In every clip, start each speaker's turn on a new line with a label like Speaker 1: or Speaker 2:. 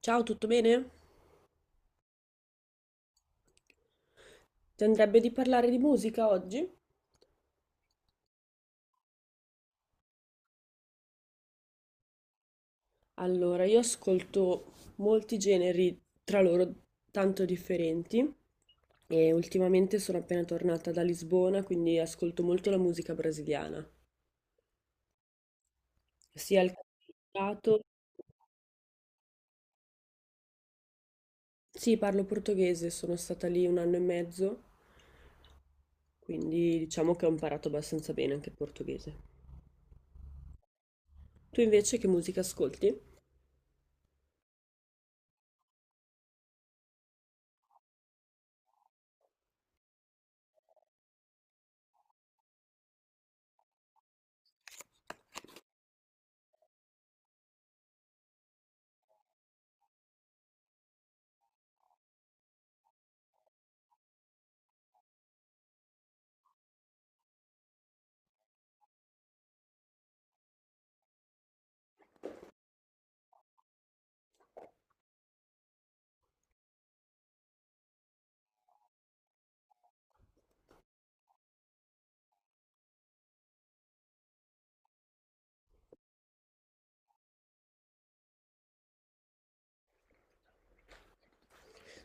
Speaker 1: Ciao, tutto bene? Ti andrebbe di parlare di musica oggi? Allora, io ascolto molti generi tra loro tanto differenti e ultimamente sono appena tornata da Lisbona, quindi ascolto molto la musica brasiliana, sia il cantato. Sì, parlo portoghese, sono stata lì un anno e mezzo, quindi diciamo che ho imparato abbastanza bene anche il portoghese. Tu invece che musica ascolti?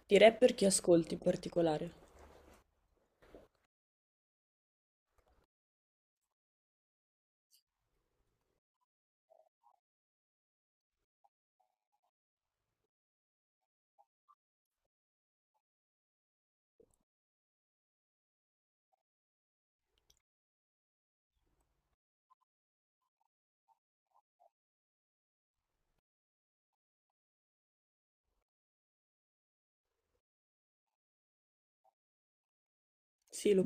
Speaker 1: Di rapper chi ascolti in particolare? Sì, lo...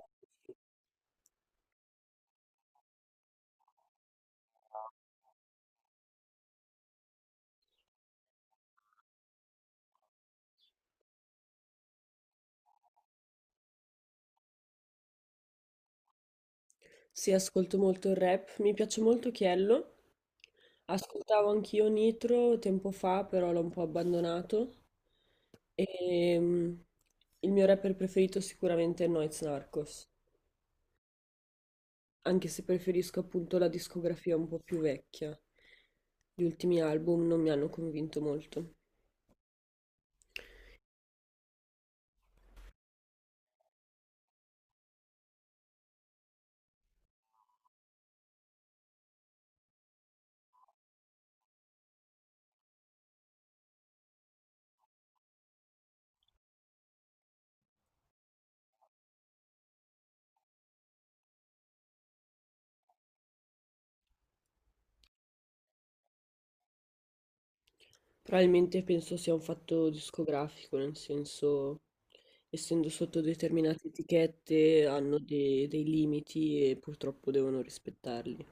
Speaker 1: Sì, ascolto molto il rap, mi piace molto Chiello. Ascoltavo anch'io Nitro tempo fa, però l'ho un po' abbandonato. E il mio rapper preferito sicuramente è Noyz Narcos, anche se preferisco appunto la discografia un po' più vecchia. Gli ultimi album non mi hanno convinto molto. Probabilmente penso sia un fatto discografico, nel senso, essendo sotto determinate etichette, hanno dei limiti e purtroppo devono rispettarli.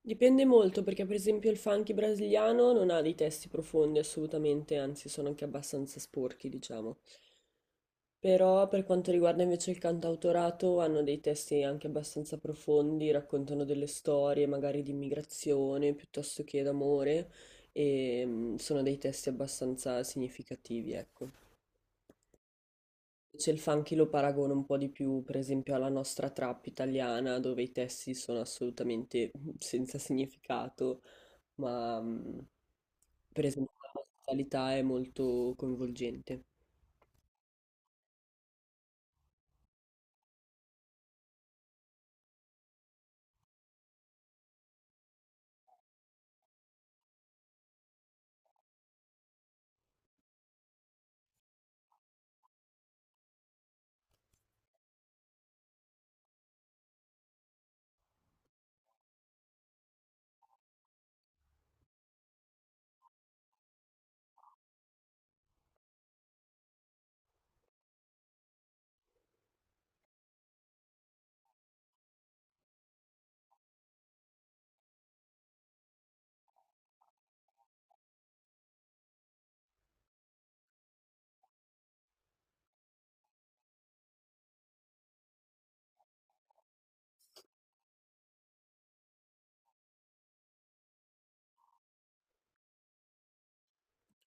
Speaker 1: Dipende molto perché per esempio il funky brasiliano non ha dei testi profondi assolutamente, anzi sono anche abbastanza sporchi, diciamo. Però per quanto riguarda invece il cantautorato hanno dei testi anche abbastanza profondi, raccontano delle storie magari di immigrazione piuttosto che d'amore e sono dei testi abbastanza significativi, ecco. Invece il funky lo paragono un po' di più, per esempio, alla nostra trap italiana, dove i testi sono assolutamente senza significato, ma... mm, per esempio, la musicalità è molto coinvolgente.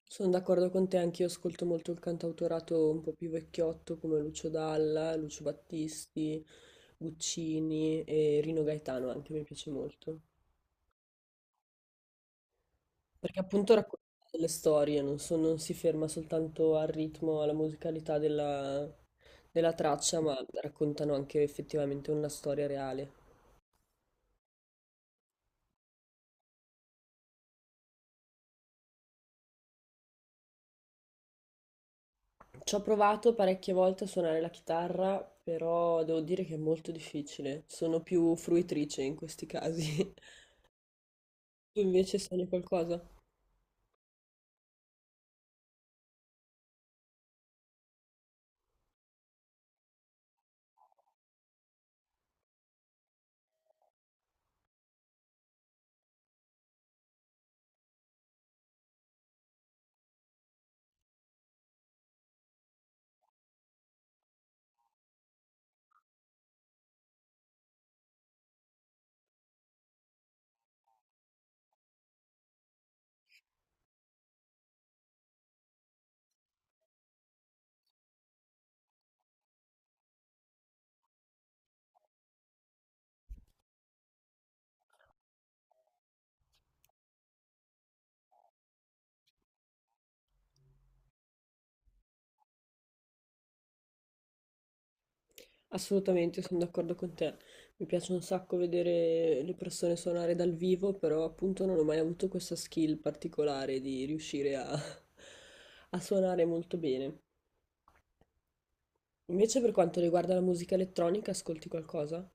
Speaker 1: Sono d'accordo con te, anch'io ascolto molto il cantautorato un po' più vecchiotto come Lucio Dalla, Lucio Battisti, Guccini e Rino Gaetano anche mi piace molto. Perché appunto racconta delle storie, non si ferma soltanto al ritmo, alla musicalità della, della traccia, ma raccontano anche effettivamente una storia reale. Ci ho provato parecchie volte a suonare la chitarra, però devo dire che è molto difficile. Sono più fruitrice in questi casi. Tu invece suoni qualcosa? Assolutamente, sono d'accordo con te. Mi piace un sacco vedere le persone suonare dal vivo, però appunto non ho mai avuto questa skill particolare di riuscire a, a suonare molto bene. Invece per quanto riguarda la musica elettronica, ascolti qualcosa?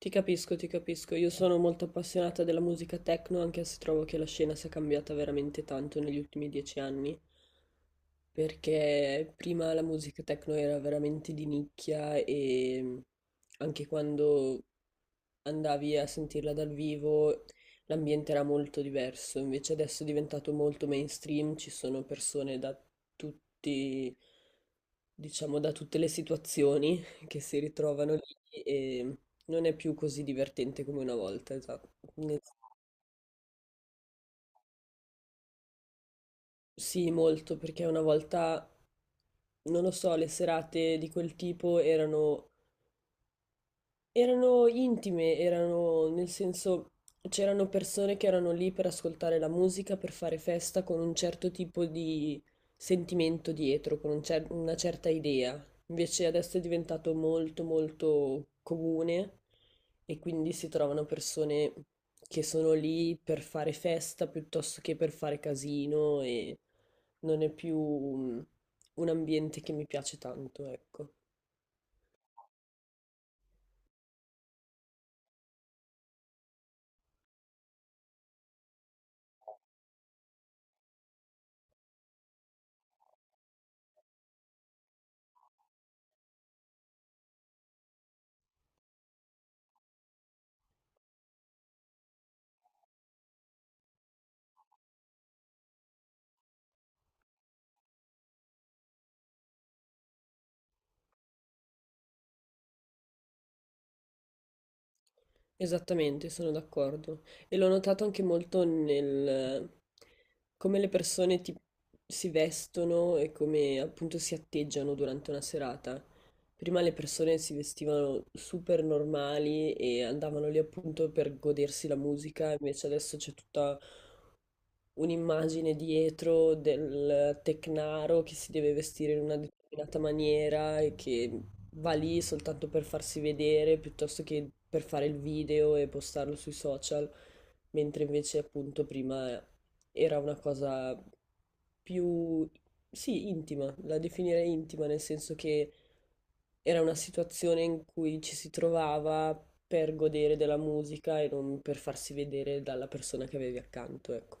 Speaker 1: Ti capisco, ti capisco. Io sono molto appassionata della musica techno, anche se trovo che la scena sia cambiata veramente tanto negli ultimi 10 anni, perché prima la musica techno era veramente di nicchia e anche quando andavi a sentirla dal vivo l'ambiente era molto diverso, invece adesso è diventato molto mainstream, ci sono persone da tutti, diciamo, da tutte le situazioni che si ritrovano lì e... Non è più così divertente come una volta, esatto. Ne- Sì, molto, perché una volta, non lo so, le serate di quel tipo erano intime, erano nel senso c'erano persone che erano lì per ascoltare la musica, per fare festa con un certo tipo di sentimento dietro, con una certa idea. Invece adesso è diventato molto molto comune e quindi si trovano persone che sono lì per fare festa piuttosto che per fare casino e non è più un ambiente che mi piace tanto, ecco. Esattamente, sono d'accordo. E l'ho notato anche molto nel come le persone si vestono e come appunto si atteggiano durante una serata. Prima le persone si vestivano super normali e andavano lì appunto per godersi la musica, invece adesso c'è tutta un'immagine dietro del tecnaro che si deve vestire in una determinata maniera e che va lì soltanto per farsi vedere piuttosto che per fare il video e postarlo sui social, mentre invece appunto prima era una cosa più, sì, intima, la definirei intima nel senso che era una situazione in cui ci si trovava per godere della musica e non per farsi vedere dalla persona che avevi accanto, ecco.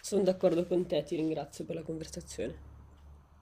Speaker 1: Sono d'accordo con te, ti ringrazio per la conversazione.